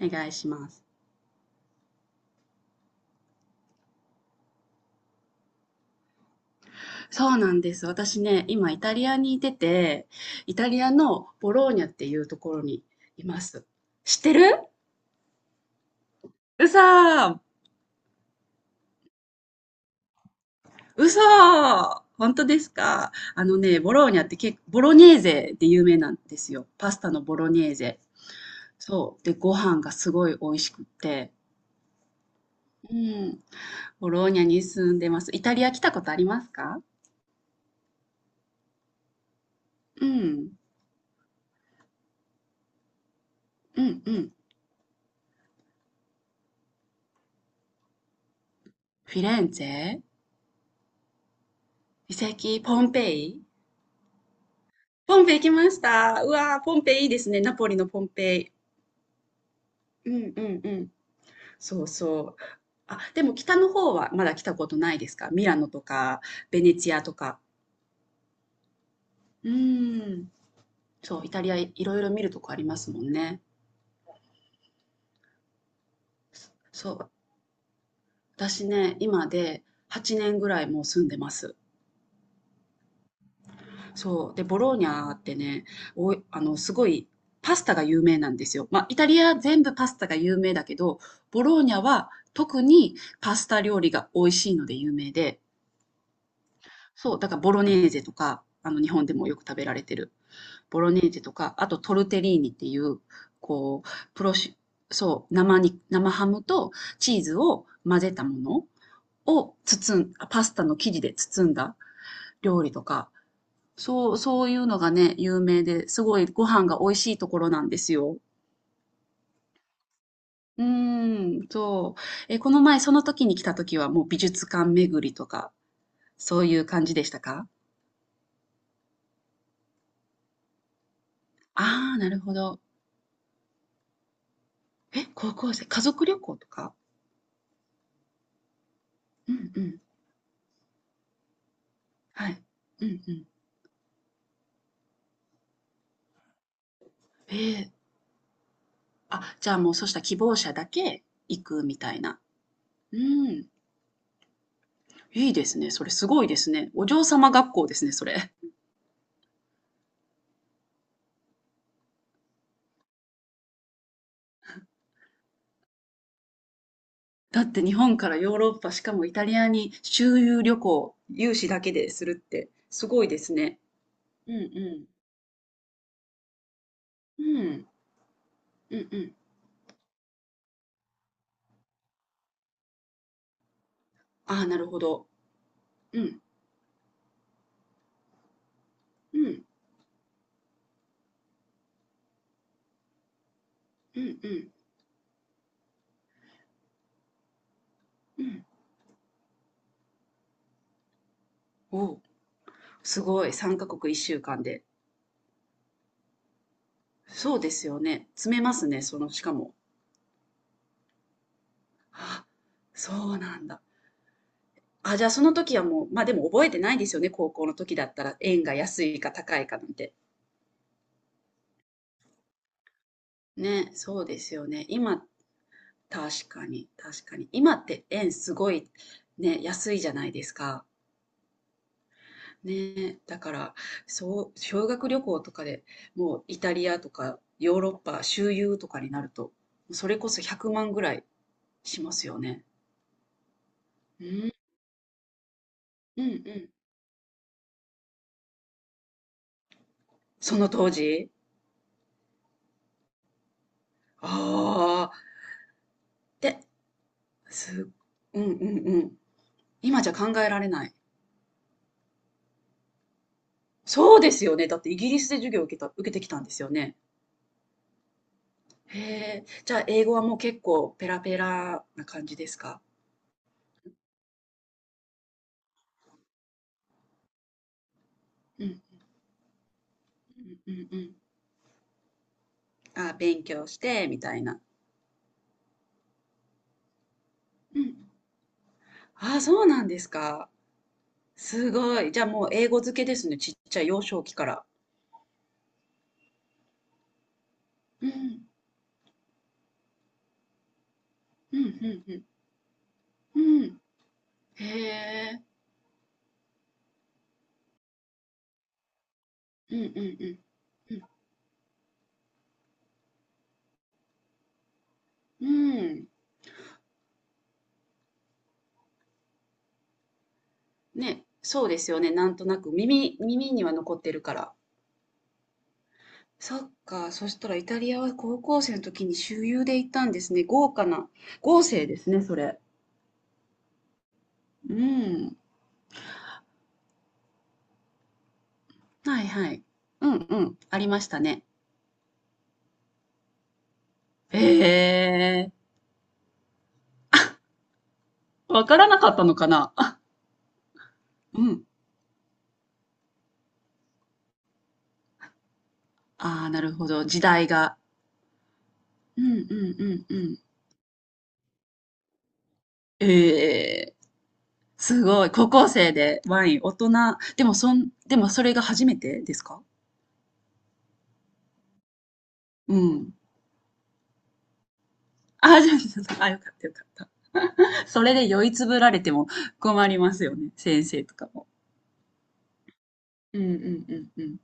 お願いします。そうなんです。私ね、今イタリアにいてて、イタリアのボローニャっていうところにいます。知ってる？うそー、うそー、本当ですか？あのね、ボローニャって結構、ボロネーゼで有名なんですよ。パスタのボロネーゼ。そう。で、ご飯がすごい美味しくって。うん。ボローニャに住んでます。イタリア来たことありますか？うん。うん、うん。フィレンツェ？遺跡？ポンペイ？ポンペイ行きました。うわー、ポンペイいいですね。ナポリのポンペイ。うんうんうん。そうそう。あ、でも北の方はまだ来たことないですか？ミラノとか、ベネチアとか。うん。そう、イタリアいろいろ見るとこありますもんね。そう、私ね、今で8年ぐらいもう住んでます。そう。で、ボローニャってね、おい、すごいパスタが有名なんですよ。まあ、イタリア全部パスタが有名だけど、ボローニャは特にパスタ料理が美味しいので有名で、そう、だからボロネーゼとか、日本でもよく食べられてる。ボロネーゼとか、あとトルテリーニっていう、こう、プロシ、そう、生ハムとチーズを混ぜたものを包ん、あパスタの生地で包んだ料理とか、そう、そういうのがね、有名で、すごいご飯が美味しいところなんですよ。うーん、そう。え、この前、その時に来た時はもう美術館巡りとか、そういう感じでしたか？ああー、なるほど。え、高校生、家族旅行とか？うんうん。はい。うんうん。ええ、あ、じゃあもうそうした希望者だけ行くみたいな。うん。いいですね。それすごいですね。お嬢様学校ですね、それ。だって日本からヨーロッパ、しかもイタリアに周遊旅行、有資だけでするってすごいですね。うんうん。うん。うんうん。ああ、なるほど。うん。うん。うんうんうん。おお、すごい。3カ国1週間で。そうですよね。詰めますね、その、しかも。あ、そうなんだ。あ、じゃあその時はもう、まあでも覚えてないですよね。高校の時だったら円が安いか高いかなんて。ね、そうですよね。今確かに、確かに。今って円すごいね、安いじゃないですか。ね、だから、そう、修学旅行とかでもうイタリアとかヨーロッパ周遊とかになると、それこそ100万ぐらいしますよね。うん、うん、うん。その当時ああー、で、す、うん、うん、うん。今じゃ考えられない。そうですよね。だってイギリスで授業を受けた、受けてきたんですよね。へえ、じゃあ英語はもう結構ペラペラな感じですか？うん、うん、うん、うん。あ、勉強して、みたいな。うん。あ、そうなんですか。すごい。じゃあもう英語漬けですね。ちっちゃい幼少期から。うん、うん、うん、うん。うん。へえ。うん、うん、うん。うん。うん、ね、そうですよね。なんとなく耳、耳には残ってるから。そっか。そしたらイタリアは高校生の時に周遊で行ったんですね。豪華な。豪勢ですね、それ。うん。はいはい。うんうん。ありましたね。ええー。わからなかったのかな？うん。ああ、なるほど、時代が。うんうんうんうん。ええー、すごい。高校生でワイン、大人でも、それが初めてですか？うん。ああ、じゃあ、じゃあ、あ、かったよかった。それで酔いつぶられても困りますよね、先生とかも。うんうんうんうん。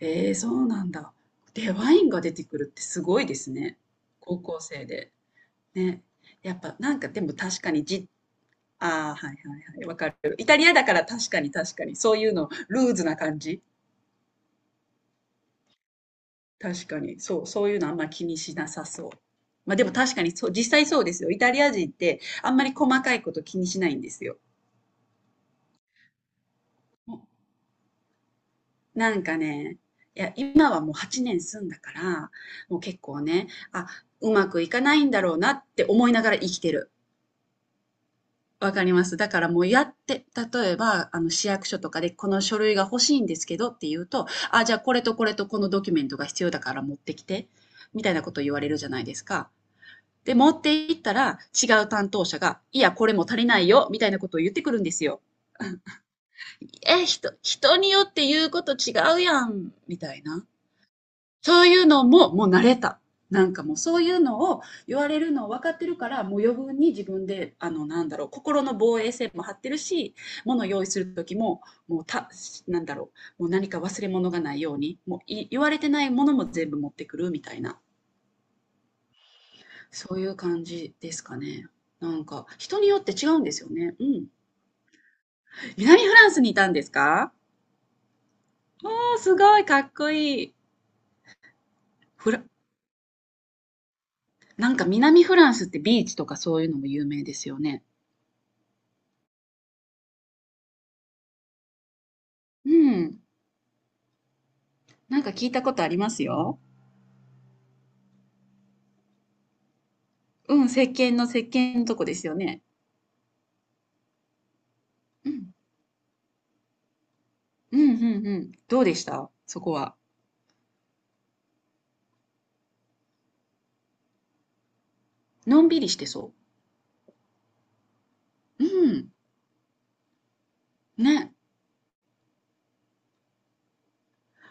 ええ、そうなんだ。で、ワインが出てくるってすごいですね。高校生で。ね。やっぱなんかでも確かにじ、ああ、はいはいはい、わかる。イタリアだから確かに確かに、そういうの、ルーズな感じ。確かに、そう、そういうのあんま気にしなさそう。まあでも確かにそう、実際そうですよ。イタリア人ってあんまり細かいこと気にしないんですよ。なんかね、いや、今はもう8年住んだから、もう結構ね、あ、うまくいかないんだろうなって思いながら生きてる。わかります。だからもうやって、例えば、市役所とかでこの書類が欲しいんですけどって言うと、あ、じゃあこれとこれとこのドキュメントが必要だから持ってきて、みたいなこと言われるじゃないですか。で、持って行ったら違う担当者が、いや、これも足りないよ、みたいなことを言ってくるんですよ。え、人によって言うこと違うやん、みたいな。そういうのも、もう慣れた。なんかもうそういうのを言われるのを分かってるから、もう余分に自分で、なんだろう、心の防衛線も張ってるし、物を用意する時も、もうた、なんだろう、もう何か忘れ物がないように、もうい言われてないものも全部持ってくるみたいな、そういう感じですかね。なんか、人によって違うんですよね。うん。南フランスにいたんですか？おー、すごい、かっこいい。フラ、なんか南フランスってビーチとかそういうのも有名ですよね。うん。なんか聞いたことありますよ。うん、石鹸のとこですよね。うん。うんうんうん。どうでしたそこは。のんびりしてそう。うん。ね。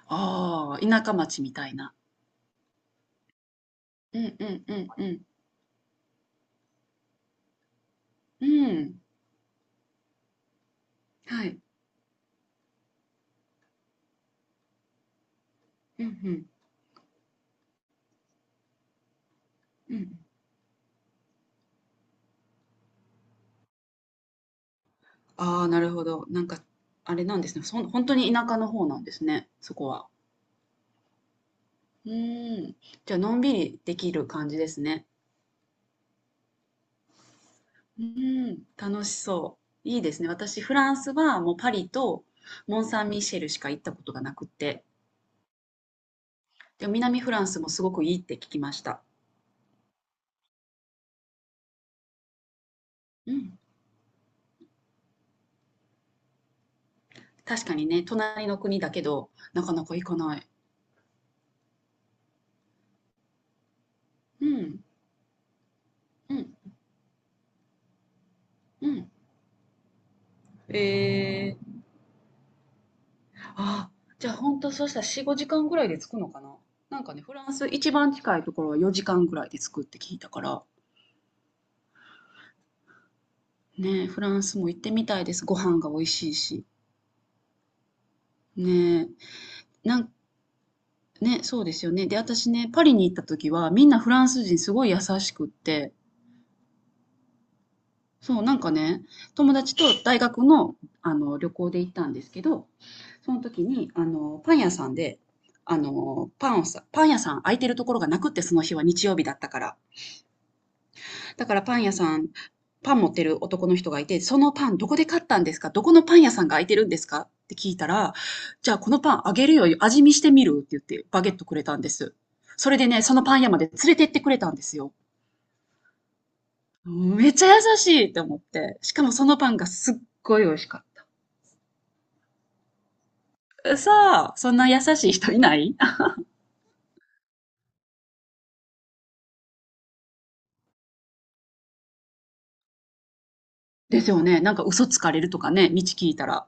ああ、田舎町みたいな。うんうんうんうん。うん。はい。うんうんうん。ああ、なるほど。なんか、あれなんですね。そん、本当に田舎の方なんですね。そこは。うーん。じゃあ、のんびりできる感じですね。うん、楽しそう。いいですね。私、フランスはもうパリとモン・サン・ミシェルしか行ったことがなくって、でも南フランスもすごくいいって聞きました。うん。確かにね、隣の国だけど、なかなか行かない。うん、うん、うん。えー、あ、じゃあ本当そうしたら4、5時間ぐらいで着くのかな？なんかね、フランス一番近いところは4時間ぐらいで着くって聞いたから、ねえ、フランスも行ってみたいです。ご飯が美味しいし。ねえ、なんね、そうですよね。で、私ね、パリに行った時は、みんなフランス人すごい優しくって、そう、なんかね、友達と大学の、旅行で行ったんですけど、その時に、パン屋さんで、パンをさ、パン屋さん空いてるところがなくって、その日は日曜日だったから。だからパン屋さん、パン持ってる男の人がいて、そのパンどこで買ったんですか？どこのパン屋さんが開いてるんですか？って聞いたら、じゃあこのパンあげるよ、味見してみるって言ってバゲットくれたんです。それでね、そのパン屋まで連れてってくれたんですよ。めっちゃ優しいって思って。しかもそのパンがすっごい美味しかった。さあ、そんな優しい人いない ですよね。なんか嘘つかれるとかね、道聞いたら。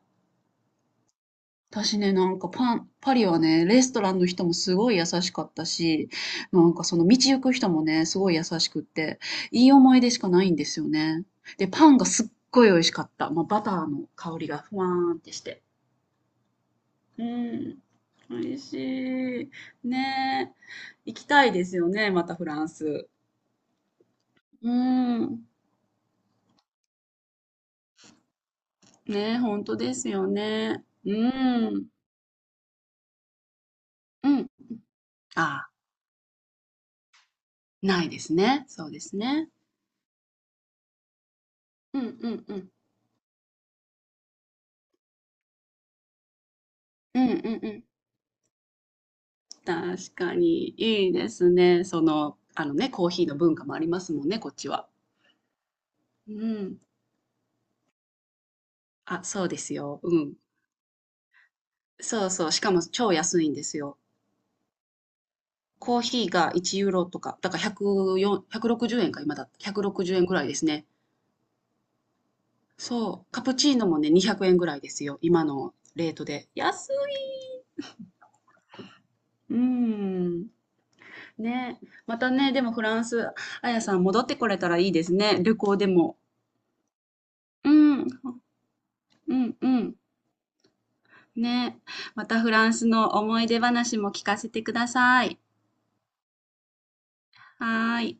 私ね、パリはね、レストランの人もすごい優しかったし、なんかその道行く人もね、すごい優しくって、いい思い出しかないんですよね。で、パンがすっごい美味しかった。まあ、バターの香りがふわーんってして。うん、美味しい。ねえ、行きたいですよね、またフランス。うん、ねえ、本当ですよね。うん、うん。ああ、ないですね。そうですね。うん、うん、うん。うん、うん、うん。確かに、いいですね。その、あのね、コーヒーの文化もありますもんね、こっちは。うん。あ、そうですよ。うん。そうそう。しかも超安いんですよ。コーヒーが1ユーロとか、だから104、160円か、今だ。160円ぐらいですね。そう。カプチーノもね、200円ぐらいですよ。今のレートで。安い。うん。ね。またね、でもフランス、あやさん戻ってこれたらいいですね。旅行でも。うん。うん、うん。ね。またフランスの思い出話も聞かせてください。はーい。